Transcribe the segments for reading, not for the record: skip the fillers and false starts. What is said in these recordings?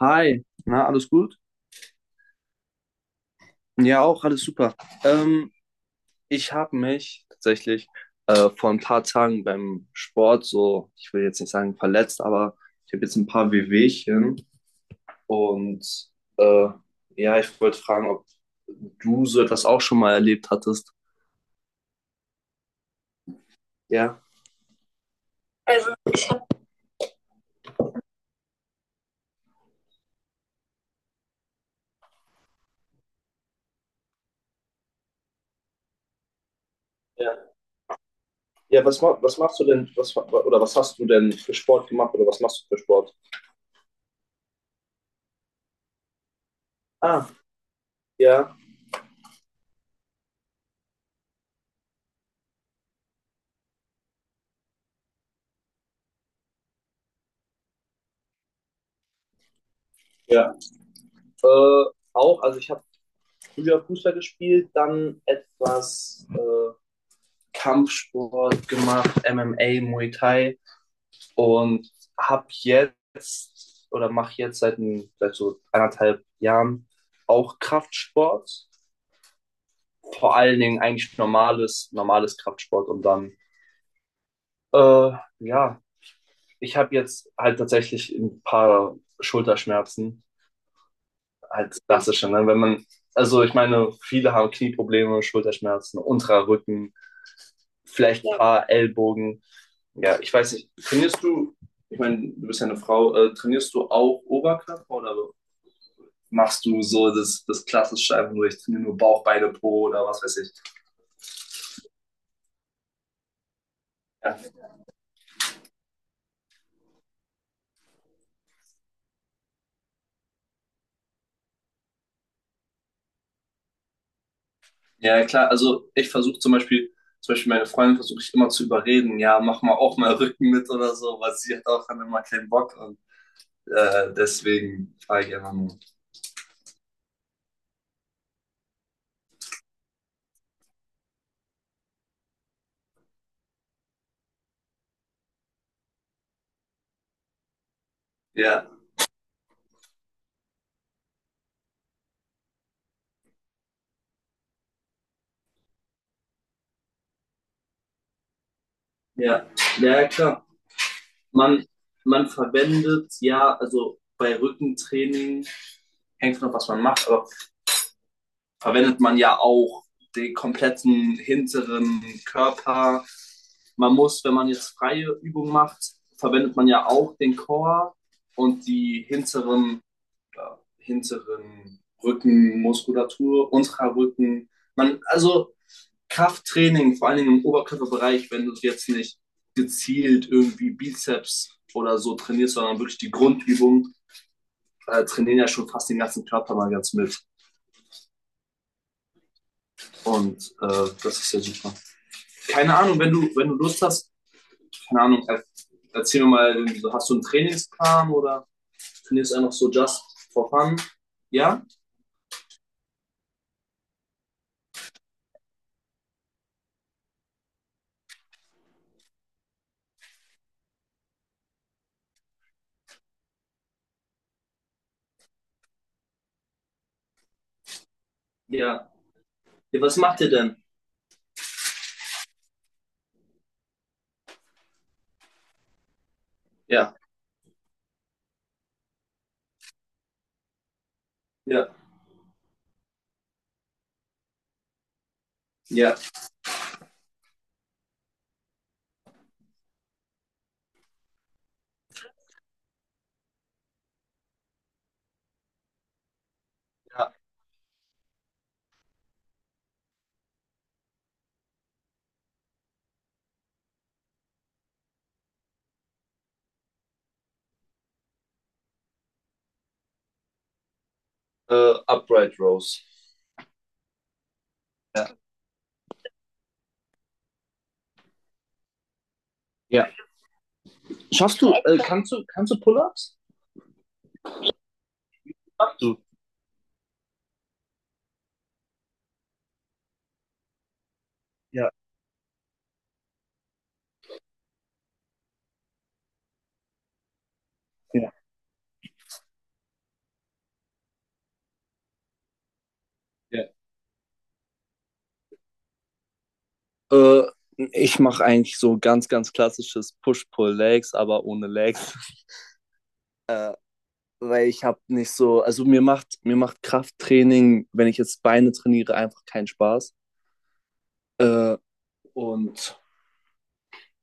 Hi, na, alles gut? Ja, auch, alles super. Ähm, Ich habe mich tatsächlich vor ein paar Tagen beim Sport so, ich will jetzt nicht sagen verletzt, aber ich habe jetzt ein paar Wehwehchen und äh, ja, ich wollte fragen, ob du so etwas auch schon mal erlebt hattest. Ja. Ja, ja, was, was machst du denn, was, oder was hast du denn für Sport gemacht oder was machst du für Sport? Ah, ja, ja. Äh, Auch, also ich habe früher Fußball gespielt, dann etwas Kampfsport gemacht, MMA, Muay Thai und habe jetzt oder mache jetzt seit, ein, seit so anderthalb Jahren auch Kraftsport. Vor allen Dingen eigentlich normales Kraftsport und dann, äh, ja, ich habe jetzt halt tatsächlich ein paar Schulterschmerzen, halt klassische, ne? Wenn man, also ich meine, viele haben Knieprobleme, Schulterschmerzen, unterer Rücken, vielleicht ein paar Ellbogen. Ja, ich weiß nicht, trainierst du, ich meine, du bist ja eine Frau, trainierst du auch Oberkörper oder machst du so das klassische einfach nur, ich trainiere nur Bauch, Beine, Po oder was weiß ich. Ja, ja klar, also ich versuche zum Beispiel meine Freundin versuche ich immer zu überreden, ja, mach mal auch mal Rücken mit oder so, weil sie hat auch dann immer keinen Bock und deswegen frage ich einfach nur. Ja, ja, ja, klar. Man, man verwendet, ja, also bei Rückentraining hängt noch was man macht, aber verwendet man ja auch den kompletten hinteren Körper. Man muss, wenn man jetzt freie Übung macht, verwendet man ja auch den Core und die hinteren, ja, hinteren Rückenmuskulatur, unserer Rücken. Man, also Krafttraining, vor allen Dingen im Oberkörperbereich, wenn du jetzt nicht gezielt irgendwie Bizeps oder so trainierst, sondern wirklich die Grundübung, trainieren ja schon fast den ganzen Körper mal ganz mit. Und das ist ja super. Keine Ahnung, wenn du, wenn du Lust hast, keine Ahnung, erzähl mir mal, so, hast du einen Trainingsplan oder trainierst du einfach so just for fun? Ja? Ja. Ja. Was macht ihr denn? Ja. Ja, Äh, Upright Rows. Ja. Ja. Schaffst du, kannst du, kannst du Pull-ups? Kannst Du. Ja, ja, Ja. Äh, Ich mache eigentlich so ganz, ganz klassisches Push-Pull-Legs, aber ohne Legs. Äh, Weil ich habe nicht so, also mir macht Krafttraining, wenn ich jetzt Beine trainiere, einfach keinen Spaß. Äh, und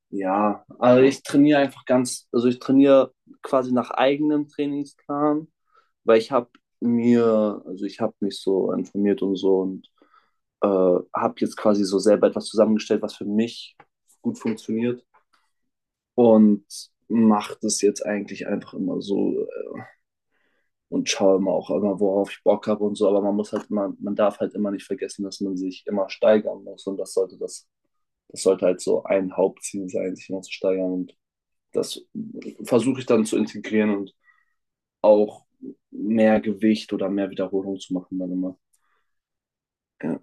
ja, also ich trainiere einfach ganz, also ich trainiere quasi nach eigenem Trainingsplan, weil ich habe mir, also ich habe mich so informiert und so und habe jetzt quasi so selber etwas zusammengestellt, was für mich gut funktioniert und mache das jetzt eigentlich einfach immer so und schaue immer auch immer, worauf ich Bock habe und so. Aber man muss halt immer, man darf halt immer nicht vergessen, dass man sich immer steigern muss. Und das sollte das sollte halt so ein Hauptziel sein, sich immer zu steigern. Und das versuche ich dann zu integrieren und auch mehr Gewicht oder mehr Wiederholung zu machen dann immer. Ja.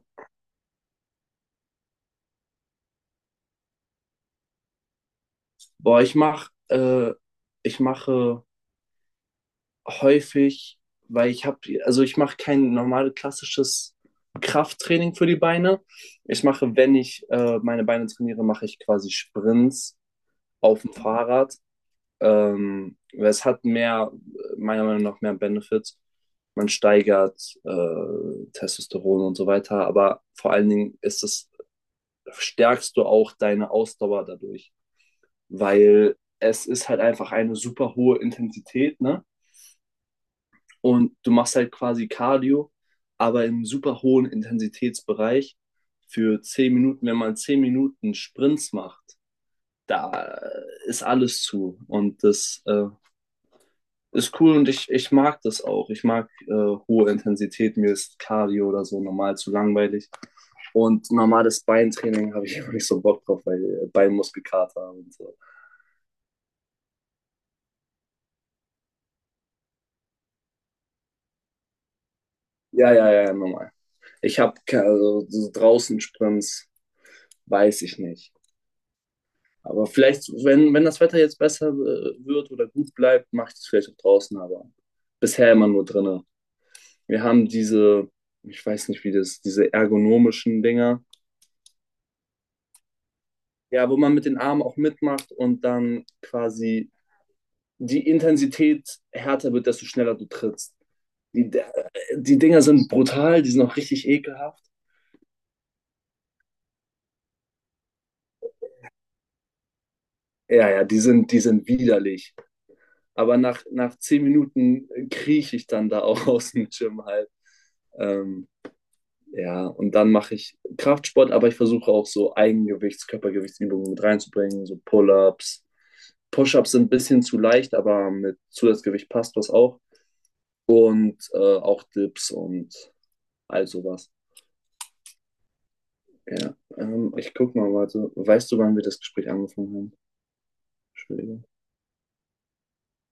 Boah, ich mache häufig, weil ich habe, also ich mache kein normales klassisches Krafttraining für die Beine. Ich mache, wenn ich meine Beine trainiere, mache ich quasi Sprints auf dem Fahrrad. Es hat mehr, meiner Meinung nach, mehr Benefits. Man steigert Testosteron und so weiter, aber vor allen Dingen ist es, stärkst du auch deine Ausdauer dadurch, weil es ist halt einfach eine super hohe Intensität, ne? Und du machst halt quasi Cardio, aber im super hohen Intensitätsbereich. Für 10 Minuten, wenn man 10 Minuten Sprints macht, da ist alles zu. Und das ist cool und ich mag das auch. Ich mag hohe Intensität. Mir ist Cardio oder so normal zu langweilig. Und normales Beintraining habe ich immer nicht so Bock drauf, weil Beinmuskelkater und so. Ja, ja, ja, normal. Ich habe also, so draußen Sprints, weiß ich nicht. Aber vielleicht, wenn, wenn das Wetter jetzt besser wird oder gut bleibt, mache ich das vielleicht auch draußen, aber bisher immer nur drinnen. Wir haben diese, ich weiß nicht wie das, diese ergonomischen Dinger, ja, wo man mit den Armen auch mitmacht und dann quasi die Intensität härter wird, desto schneller du trittst. Die, die Dinger sind brutal, die sind auch richtig ekelhaft. Ja, ja, die sind widerlich. Aber nach, nach 10 Minuten krieche ich dann da auch aus dem Gym halt. Ähm, Ja, und dann mache ich Kraftsport, aber ich versuche auch so Eigengewichts-, Körpergewichtsübungen mit reinzubringen, so Pull-ups. Push-ups sind ein bisschen zu leicht, aber mit Zusatzgewicht passt das auch. Und auch Dips und all sowas. Ja, ich guck mal, warte. Weißt du, wann wir das Gespräch angefangen haben? Entschuldigung.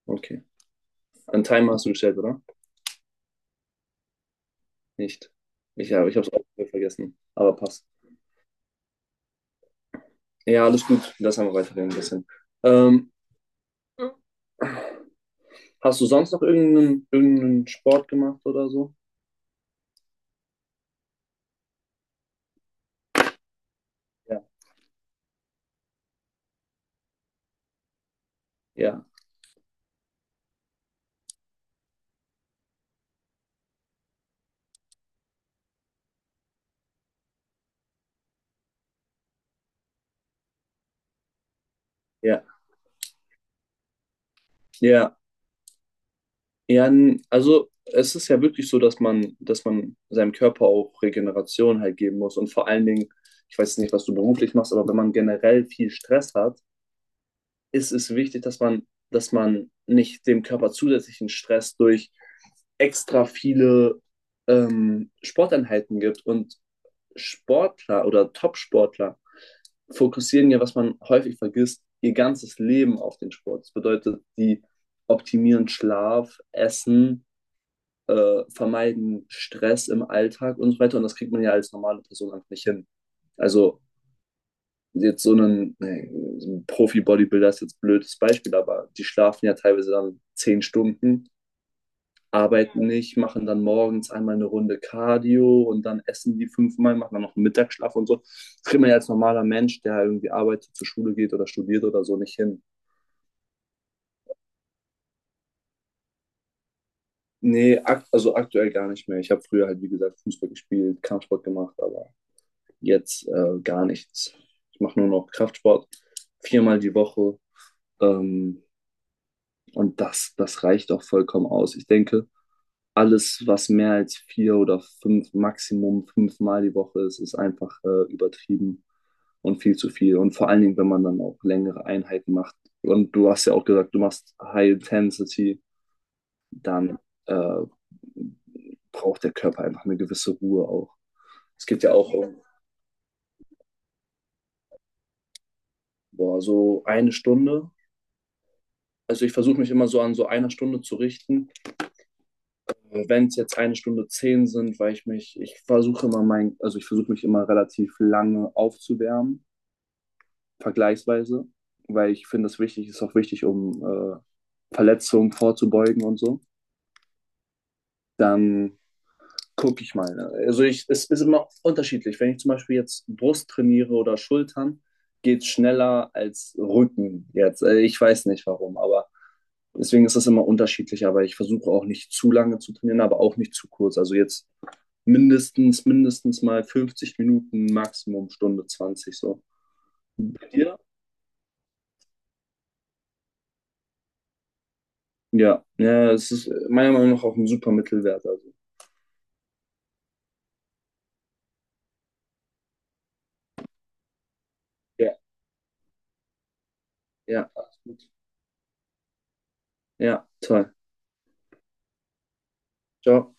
Okay. Einen Timer hast du gestellt, oder? Nicht. Ich habe ich es auch vergessen, aber passt. Ja, alles gut. Lass einfach weiterreden ein bisschen. Ähm, Hast du sonst noch irgendeinen Sport gemacht oder so? Ja. Ja, ja, ja, ja. Also es ist ja wirklich so, dass man seinem Körper auch Regeneration halt geben muss. Und vor allen Dingen, ich weiß nicht, was du beruflich machst, aber wenn man generell viel Stress hat, ist es wichtig, dass man nicht dem Körper zusätzlichen Stress durch extra viele Sporteinheiten gibt. Und Sportler oder Top-Sportler fokussieren ja, was man häufig vergisst, ihr ganzes Leben auf den Sport. Das bedeutet, die optimieren Schlaf, Essen, vermeiden Stress im Alltag und so weiter. Und das kriegt man ja als normale Person einfach nicht hin. Also jetzt so einen, nee, so ein Profi-Bodybuilder ist jetzt ein blödes Beispiel, aber die schlafen ja teilweise dann 10 Stunden, arbeiten nicht, machen dann morgens einmal eine Runde Cardio und dann essen die fünfmal, machen dann noch einen Mittagsschlaf und so. Das kriegt man ja als normaler Mensch, der irgendwie arbeitet, zur Schule geht oder studiert oder so nicht hin. Nee, ak also aktuell gar nicht mehr. Ich habe früher halt, wie gesagt, Fußball gespielt, Kampfsport gemacht, aber jetzt gar nichts. Ich mache nur noch Kraftsport, viermal die Woche. Ähm, und das, das reicht auch vollkommen aus. Ich denke, alles, was mehr als vier oder fünf, Maximum fünfmal die Woche ist, ist einfach übertrieben und viel zu viel. Und vor allen Dingen, wenn man dann auch längere Einheiten macht. Und du hast ja auch gesagt, du machst High Intensity, dann äh, braucht der Körper einfach eine gewisse Ruhe auch. Es geht ja auch um boah, so eine Stunde. Also ich versuche mich immer so an so einer Stunde zu richten. Wenn es jetzt eine Stunde zehn sind, weil ich mich, ich versuche immer mein, also ich versuche mich immer relativ lange aufzuwärmen vergleichsweise, weil ich finde, es wichtig ist auch wichtig, um Verletzungen vorzubeugen und so. Dann gucke ich mal. Ne? Also ich, es ist immer unterschiedlich. Wenn ich zum Beispiel jetzt Brust trainiere oder Schultern, geht es schneller als Rücken jetzt. Also ich weiß nicht warum, aber deswegen ist das immer unterschiedlich. Aber ich versuche auch nicht zu lange zu trainieren, aber auch nicht zu kurz. Also jetzt mindestens mal 50 Minuten, Maximum Stunde 20 so. Bei Ja, ja, es ist meiner Meinung nach auch ein super Mittelwert. Also, ja, ja, absolut. Ja, toll. Ciao.